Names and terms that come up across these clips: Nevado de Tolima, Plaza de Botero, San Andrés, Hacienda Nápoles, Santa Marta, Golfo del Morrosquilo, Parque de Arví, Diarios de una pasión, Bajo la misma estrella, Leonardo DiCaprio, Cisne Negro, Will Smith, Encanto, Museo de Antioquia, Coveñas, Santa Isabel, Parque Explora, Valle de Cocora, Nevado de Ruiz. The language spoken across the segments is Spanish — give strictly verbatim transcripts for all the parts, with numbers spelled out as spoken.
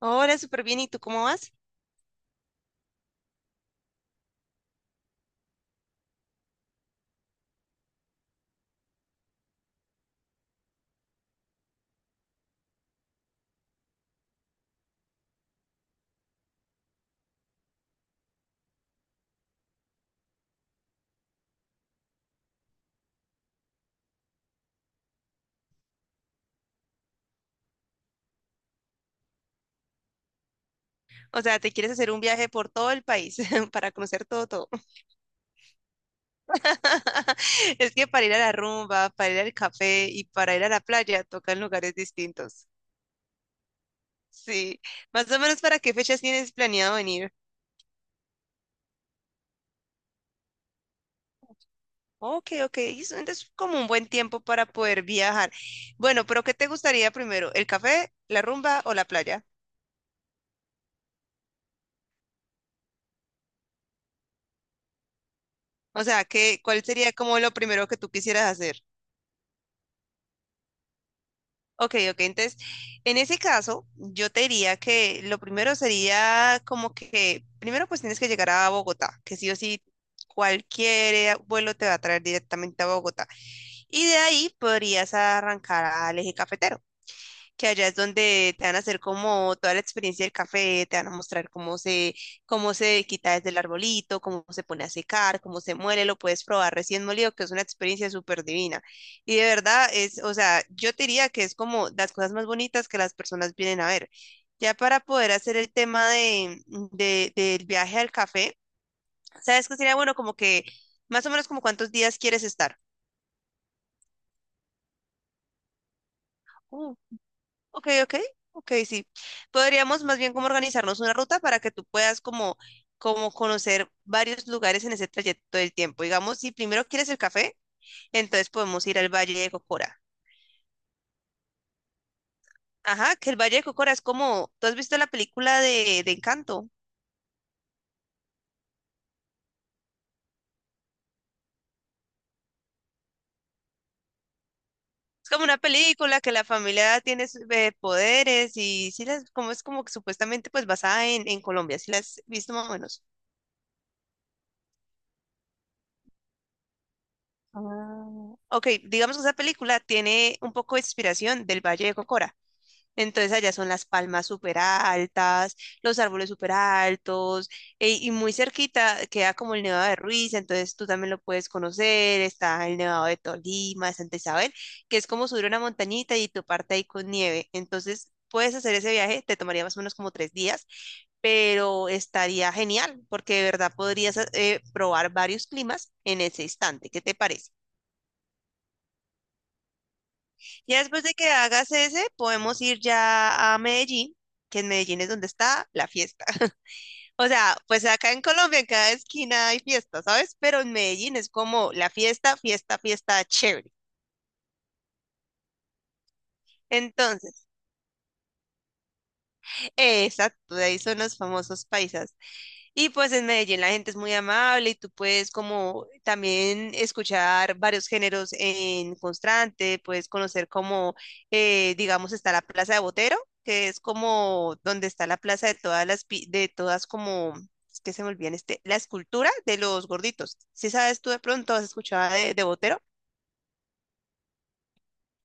Hola, súper bien. ¿Y tú cómo vas? O sea, ¿te quieres hacer un viaje por todo el país para conocer todo, todo? Es que para ir a la rumba, para ir al café y para ir a la playa tocan lugares distintos. Sí, más o menos para qué fechas tienes planeado venir. Ok, ok, y eso- entonces es como un buen tiempo para poder viajar. Bueno, pero ¿qué te gustaría primero? ¿El café, la rumba o la playa? O sea, ¿qué, ¿cuál sería como lo primero que tú quisieras hacer? Ok, ok. Entonces, en ese caso, yo te diría que lo primero sería como que, primero pues tienes que llegar a Bogotá, que sí o sí cualquier vuelo te va a traer directamente a Bogotá. Y de ahí podrías arrancar al eje cafetero que allá es donde te van a hacer como toda la experiencia del café, te van a mostrar cómo se, cómo se quita desde el arbolito, cómo se pone a secar, cómo se muele, lo puedes probar recién molido, que es una experiencia súper divina. Y de verdad es, o sea, yo te diría que es como las cosas más bonitas que las personas vienen a ver. Ya para poder hacer el tema de, de- del viaje al café, ¿sabes qué sería bueno? Como que más o menos como cuántos días quieres estar. Uh, Ok, ok, ok, sí. Podríamos más bien como organizarnos una ruta para que tú puedas como, como conocer varios lugares en ese trayecto del tiempo. Digamos, si primero quieres el café, entonces podemos ir al Valle de Cocora. Ajá, que el Valle de Cocora es como, ¿tú has visto la película de, de Encanto? Es como una película que la familia tiene su- eh, poderes y sí las, como es como que supuestamente pues basada en, en Colombia, si la has visto más o menos. Ah, Ok, digamos que esa película tiene un poco de inspiración del Valle de Cocora. Entonces allá son las palmas súper altas, los árboles súper altos, e- y muy cerquita queda como el Nevado de Ruiz, entonces tú también lo puedes conocer, está el Nevado de Tolima, de Santa Isabel, que es como subir una montañita y toparte ahí con nieve. Entonces puedes hacer ese viaje, te tomaría más o menos como tres días, pero estaría genial, porque de verdad podrías eh, probar varios climas en ese instante. ¿Qué te parece? Ya después de que hagas ese, podemos ir ya a Medellín, que en Medellín es donde está la fiesta. O sea, pues acá en Colombia en cada esquina hay fiesta, ¿sabes? Pero en Medellín es como la fiesta, fiesta, fiesta chévere. Entonces, eh, exacto, de ahí son los famosos paisas. Y pues en Medellín la gente es muy amable y tú puedes como también escuchar varios géneros en constante, puedes conocer como, eh, digamos, está la Plaza de Botero, que es como donde está la plaza de todas las, pi- de todas como, es que se me olvidan este, la escultura de los gorditos. Si sabes tú de pronto, has escuchado de, de Botero.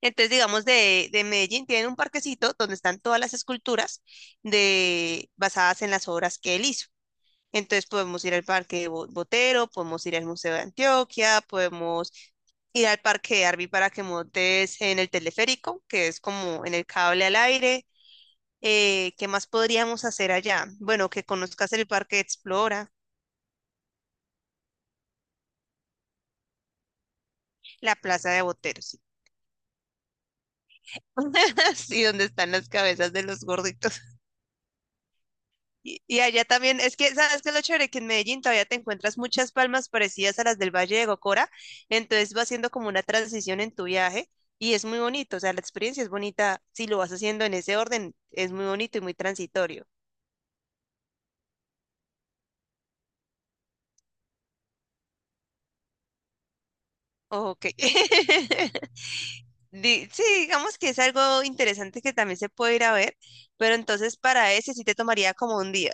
Entonces, digamos, de, de Medellín tienen un parquecito donde están todas las esculturas de, basadas en las obras que él hizo. Entonces podemos ir al Parque Bo- Botero, podemos ir al Museo de Antioquia, podemos ir al Parque de Arví para que montes en el teleférico, que es como en el cable al aire. Eh, ¿qué más podríamos hacer allá? Bueno, que conozcas el Parque Explora, la Plaza de Boteros, sí. Sí, donde están las cabezas de los gorditos. Y, y allá también, es que, ¿sabes qué es lo chévere? Que en Medellín todavía te encuentras muchas palmas parecidas a las del Valle de Gocora, entonces vas haciendo como una transición en tu viaje y es muy bonito, o sea, la experiencia es bonita, si lo vas haciendo en ese orden, es muy bonito y muy transitorio. Oh, Ok. Di- Sí, digamos que es algo interesante que también se puede ir a ver, pero entonces para ese sí te tomaría como un día.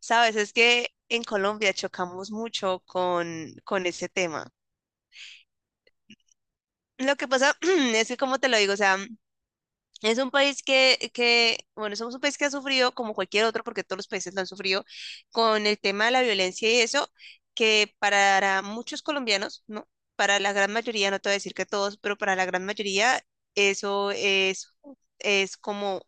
Sabes, es que en Colombia chocamos mucho con, con ese tema. Lo que pasa es que, como te lo digo, o sea, es un país que, que, bueno, somos un país que ha sufrido, como cualquier otro, porque todos los países lo han sufrido, con el tema de la violencia y eso, que para muchos colombianos, ¿no? Para la gran mayoría, no te voy a decir que todos, pero para la gran mayoría, eso es, es como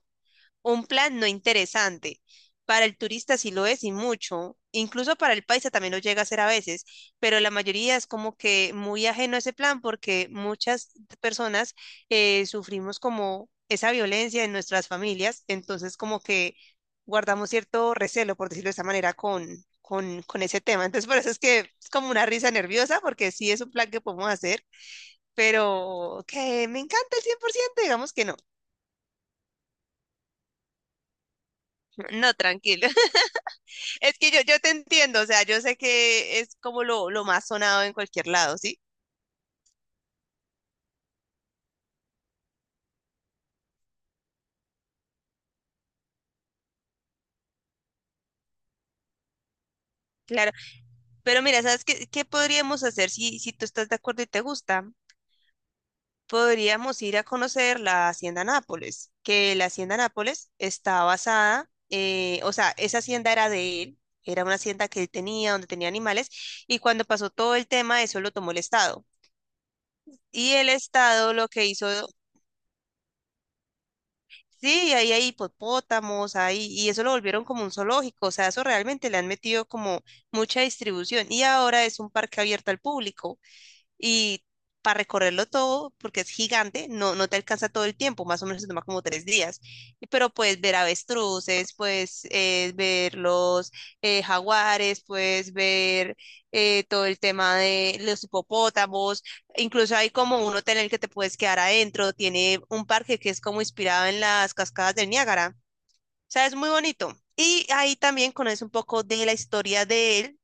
un plan no interesante. Para el turista sí lo es y mucho. Incluso para el paisa también lo llega a ser a veces, pero la mayoría es como que muy ajeno a ese plan porque muchas personas eh, sufrimos como esa violencia en nuestras familias, entonces como que guardamos cierto recelo, por decirlo de esa manera, con, con, con ese tema. Entonces por eso es que es como una risa nerviosa porque sí es un plan que podemos hacer, pero que me encanta el cien por ciento digamos que no. No, tranquilo. Es que yo, yo te entiendo, o sea, yo sé que es como lo, lo más sonado en cualquier lado, ¿sí? Claro, pero mira, ¿sabes qué, qué podríamos hacer si, si tú estás de acuerdo y te gusta? Podríamos ir a conocer la Hacienda Nápoles, que la Hacienda Nápoles está basada, eh, o sea, esa hacienda era de él, era una hacienda que él tenía, donde tenía animales, y cuando pasó todo el tema, eso lo tomó el Estado. Y el Estado lo que hizo sí, ahí hay hipopótamos, ahí, y eso lo volvieron como un zoológico, o sea, eso realmente le han metido como mucha distribución y ahora es un parque abierto al público. Y para recorrerlo todo, porque es gigante, no, no te alcanza todo el tiempo, más o menos se toma como tres días. Y- Pero puedes ver avestruces, puedes eh, ver los eh, jaguares, puedes ver eh, todo el tema de los hipopótamos. Incluso hay como un hotel en el que te puedes quedar adentro. Tiene un parque que es como inspirado en las cascadas del Niágara. O sea, es muy bonito. Y ahí también conoces un poco de la historia de él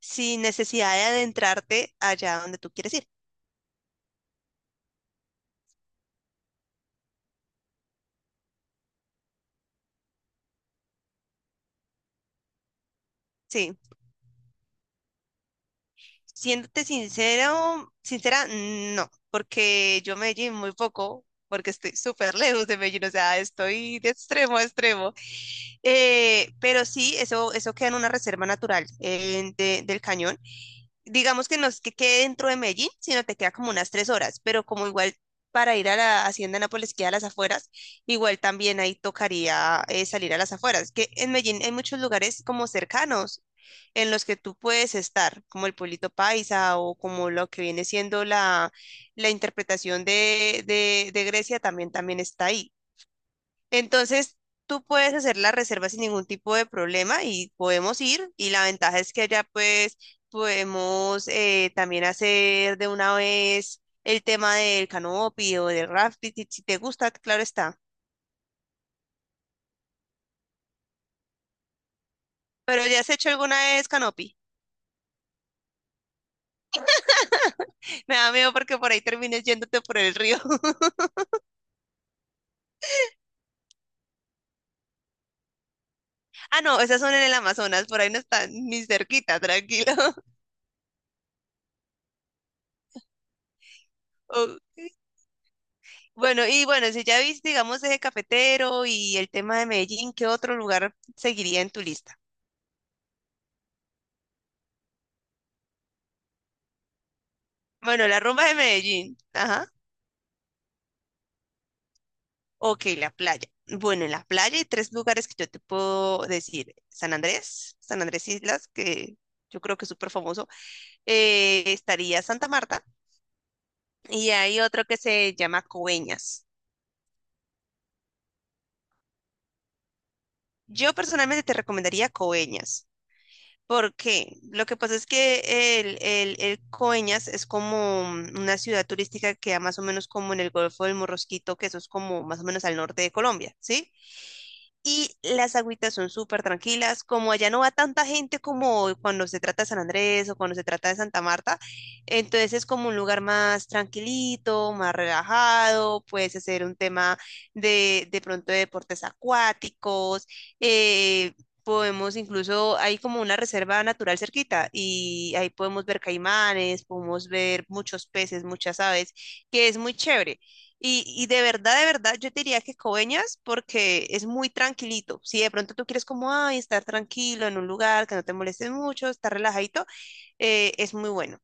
sin necesidad de adentrarte allá donde tú quieres ir. Sí. Siéndote sincero, sincera, no, porque yo Medellín muy poco, porque estoy súper lejos de Medellín, o sea, estoy de extremo a extremo. Eh, pero sí, eso, eso queda en una reserva natural eh, de- del cañón, digamos que no es que quede dentro de Medellín, sino te queda como unas tres horas, pero como igual para ir a la Hacienda Nápoles queda a las afueras, igual también ahí tocaría eh, salir a las afueras, que en Medellín hay muchos lugares como cercanos en los que tú puedes estar, como el pueblito paisa o como lo que viene siendo la, la interpretación de, de, de Grecia también, también está ahí. Entonces, tú puedes hacer la reserva sin ningún tipo de problema y podemos ir. Y la ventaja es que allá pues podemos eh, también hacer de una vez el tema del canopy o del rafting, si si te gusta, claro está. Pero ¿ya has hecho alguna vez canopy? Me da miedo porque por ahí termines yéndote por el río. Ah, no, esas son en el Amazonas, por ahí no están ni cerquita, tranquilo. Ok. Bueno, y bueno, si ya viste, digamos, eje cafetero y el tema de Medellín, ¿qué otro lugar seguiría en tu lista? Bueno, la rumba de Medellín. Ajá. Ok, la playa. Bueno, en la playa hay tres lugares que yo te puedo decir. San Andrés, San Andrés Islas, que yo creo que es súper famoso. Eh, estaría Santa Marta y hay otro que se llama Coveñas. Yo personalmente te recomendaría Coveñas. ¿Por qué? Lo que pasa es que el, el, el Coveñas es como una ciudad turística que queda más o menos como en el Golfo del Morrosquito, que eso es como más o menos al norte de Colombia, ¿sí? Y las agüitas son súper tranquilas, como allá no va tanta gente como cuando se trata de San Andrés o cuando se trata de Santa Marta, entonces es como un lugar más tranquilito, más relajado, puedes hacer un tema de, de pronto de deportes acuáticos, eh, podemos incluso, hay como una reserva natural cerquita y ahí podemos ver caimanes, podemos ver muchos peces, muchas aves, que es muy chévere. Y, y de verdad, de verdad, yo te diría que Coveñas porque es muy tranquilito. Si de pronto tú quieres como, ay, estar tranquilo en un lugar que no te moleste mucho, estar relajadito, eh, es muy bueno.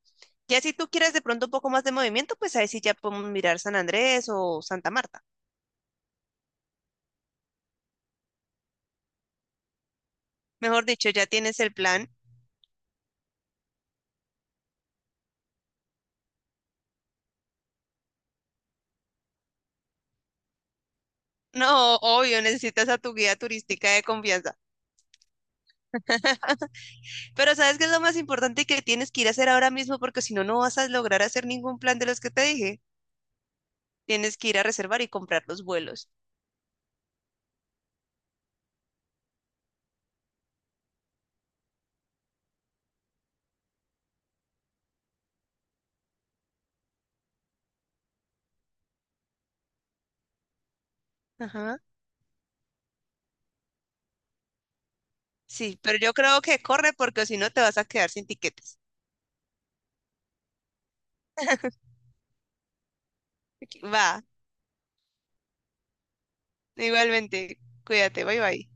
Ya si tú quieres de pronto un poco más de movimiento, pues ahí sí ya podemos mirar San Andrés o Santa Marta. Mejor dicho, ya tienes el plan. No, obvio, necesitas a tu guía turística de confianza. Pero ¿sabes qué es lo más importante que tienes que ir a hacer ahora mismo? Porque si no, no vas a lograr hacer ningún plan de los que te dije. Tienes que ir a reservar y comprar los vuelos. Ajá. Sí, pero yo creo que corre porque si no te vas a quedar sin tiquetes. Aquí- Va, igualmente. Cuídate, bye bye.